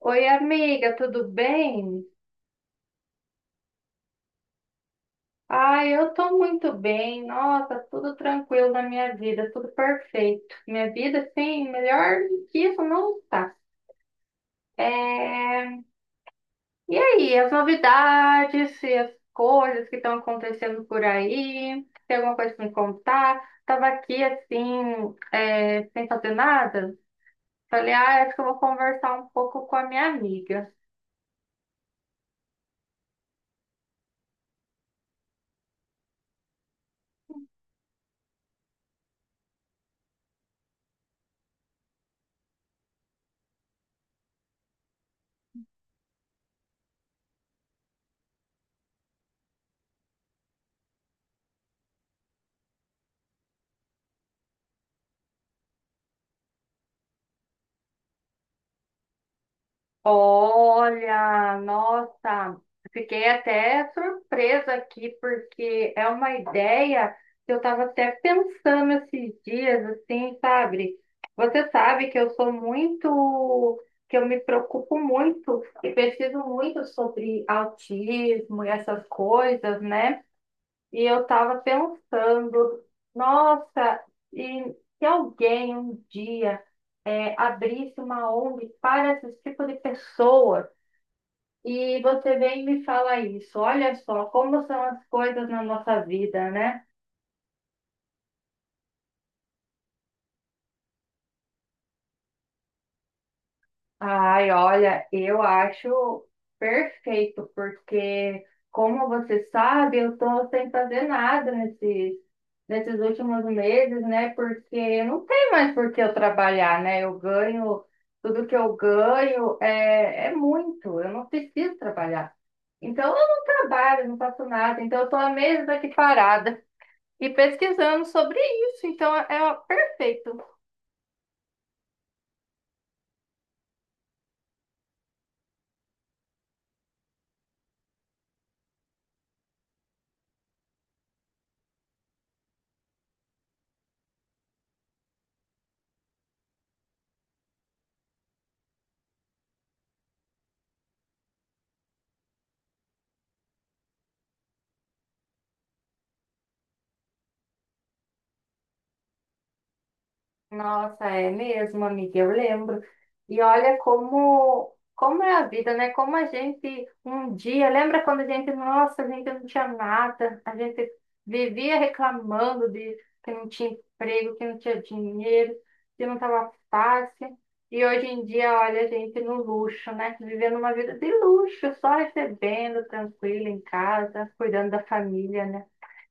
Oi, amiga, tudo bem? Ai, eu tô muito bem. Nossa, tudo tranquilo na minha vida, tudo perfeito. Minha vida, assim, melhor que isso não está. É... E aí, as novidades e as coisas que estão acontecendo por aí? Tem alguma coisa pra me contar? Tava aqui, assim, sem fazer nada. Falei, ah, acho que eu vou conversar um pouco com a minha amiga. Olha, nossa, fiquei até surpresa aqui, porque é uma ideia que eu estava até pensando esses dias, assim, sabe? Você sabe que eu sou muito, que eu me preocupo muito e pesquiso muito sobre autismo e essas coisas, né? E eu estava pensando, nossa, e se alguém um dia abrisse uma ONG para esse tipo de pessoa, e você vem e me fala isso, olha só como são as coisas na nossa vida, né? Ai, olha, eu acho perfeito, porque como você sabe, eu tô sem fazer nada nesses últimos meses, né? Porque não tem mais por que eu trabalhar, né? Eu ganho, tudo que eu ganho é muito, eu não preciso trabalhar. Então eu não trabalho, não faço nada, então eu tô há meses aqui parada e pesquisando sobre isso, então é perfeito. Nossa, é mesmo, amiga, eu lembro. E olha como é a vida, né? Como a gente um dia, lembra quando a gente, nossa, a gente não tinha nada, a gente vivia reclamando de que não tinha emprego, que não tinha dinheiro, que não estava fácil. E hoje em dia, olha, a gente no luxo, né? Vivendo uma vida de luxo, só recebendo, tranquilo em casa, cuidando da família, né?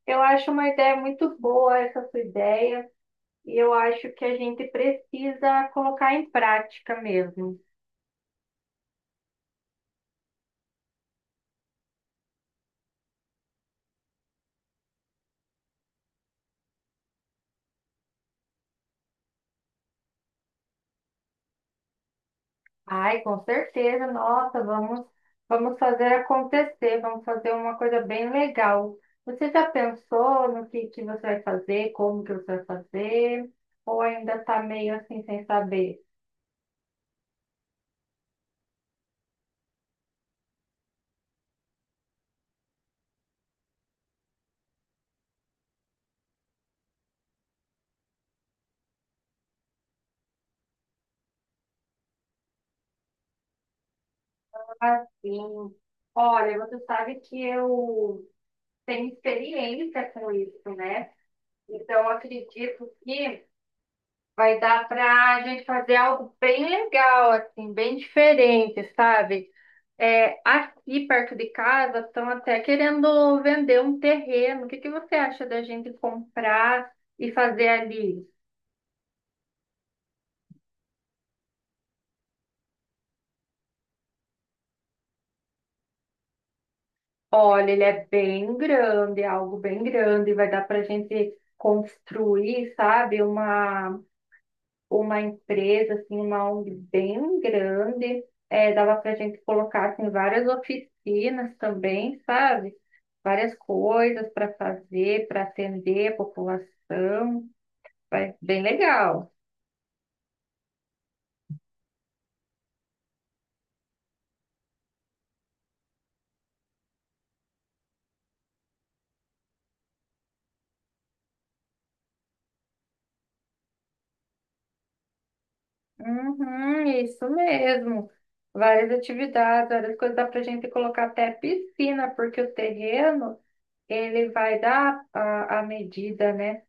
Eu acho uma ideia muito boa essa sua ideia. E eu acho que a gente precisa colocar em prática mesmo. Ai, com certeza, nossa, vamos fazer acontecer, vamos fazer uma coisa bem legal. Você já pensou no que você vai fazer, como que você vai fazer? Ou ainda está meio assim sem saber? Assim, olha, você sabe que eu tenho experiência com isso, né? Então, eu acredito que. Vai dar para a gente fazer algo bem legal, assim, bem diferente, sabe? É, aqui perto de casa estão até querendo vender um terreno. O que que você acha da gente comprar e fazer ali? Olha, ele é bem grande, é algo bem grande. Vai dar para a gente construir, sabe? Uma empresa, assim, uma ONG bem grande. É, dava para a gente colocar assim, várias oficinas também, sabe? Várias coisas para fazer, para atender a população. Bem legal. Uhum, isso mesmo. Várias atividades, várias coisas dá para a gente colocar até piscina, porque o terreno ele vai dar a medida, né?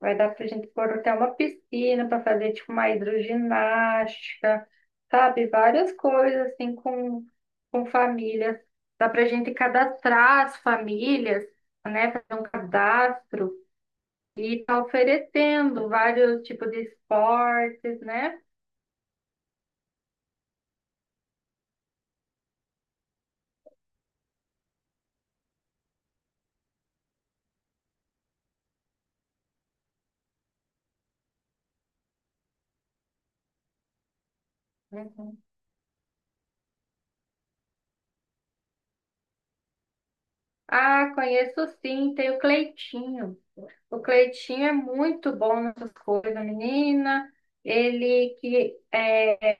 Vai dar pra gente pôr até uma piscina para fazer tipo uma hidroginástica, sabe? Várias coisas assim com famílias. Dá pra gente cadastrar as famílias, né? Fazer um cadastro e tá oferecendo vários tipos de esportes, né? Uhum. Ah, conheço sim, tem o Cleitinho. O Cleitinho é muito bom nessas coisas, menina. Ele que é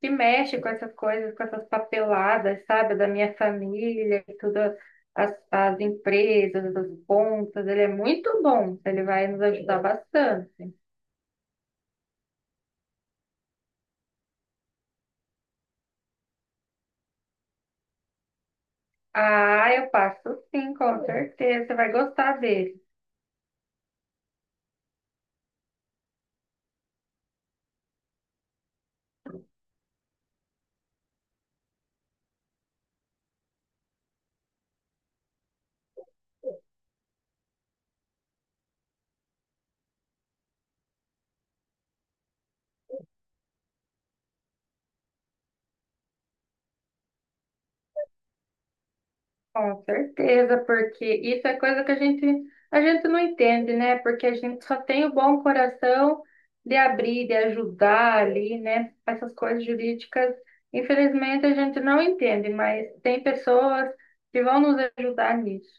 que mexe com essas coisas, com essas papeladas, sabe, da minha família, e tudo, as empresas, as contas, ele é muito bom, ele vai nos ajudar bastante. Ah, eu passo sim, com certeza, você vai gostar dele. Com certeza, porque isso é coisa que a gente não entende, né? Porque a gente só tem o bom coração de abrir, de ajudar ali, né? Essas coisas jurídicas, infelizmente a gente não entende, mas tem pessoas que vão nos ajudar nisso.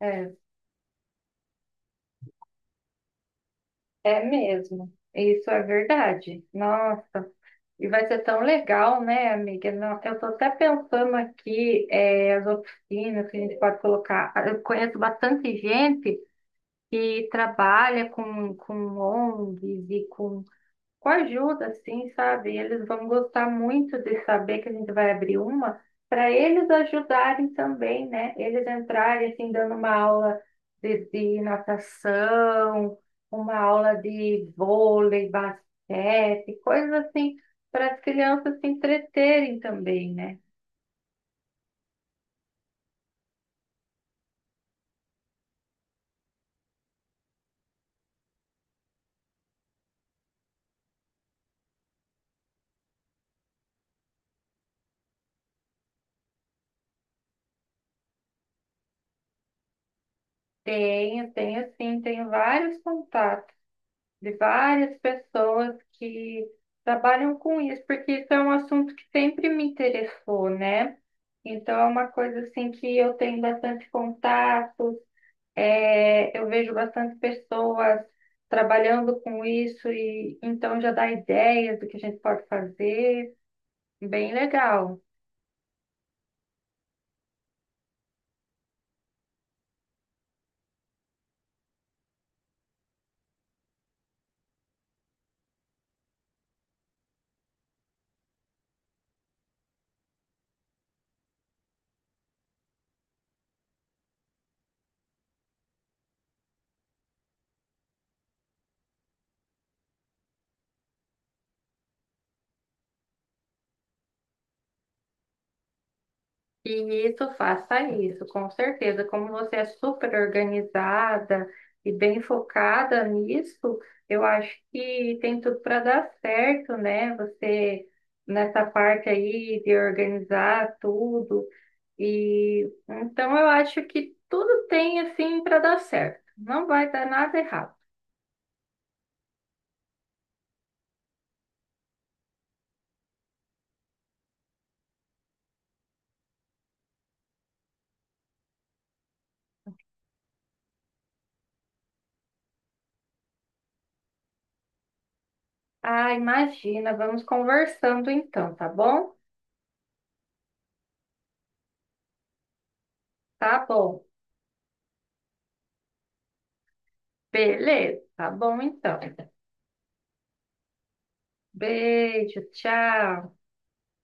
É, é mesmo. Isso é verdade. Nossa, e vai ser tão legal, né, amiga? Não, eu tô até pensando aqui, é, as oficinas que a gente pode colocar. Eu conheço bastante gente que trabalha com ONGs e com ajuda, assim, sabe? Eles vão gostar muito de saber que a gente vai abrir uma, para eles ajudarem também, né? Eles entrarem, assim, dando uma aula de natação, uma aula de vôlei, basquete, coisas assim, para as crianças se entreterem também, né? Tenho, tenho sim, tenho vários contatos. De várias pessoas que trabalham com isso, porque isso é um assunto que sempre me interessou, né? Então é uma coisa assim que eu tenho bastante contatos, é, eu vejo bastante pessoas trabalhando com isso e então já dá ideias do que a gente pode fazer, bem legal. E isso, faça isso, com certeza. Como você é super organizada e bem focada nisso, eu acho que tem tudo para dar certo, né? Você nessa parte aí de organizar tudo. E então eu acho que tudo tem assim para dar certo. Não vai dar nada errado. Ah, imagina, vamos conversando então, tá bom? Tá bom. Beleza, tá bom então. Beijo, tchau.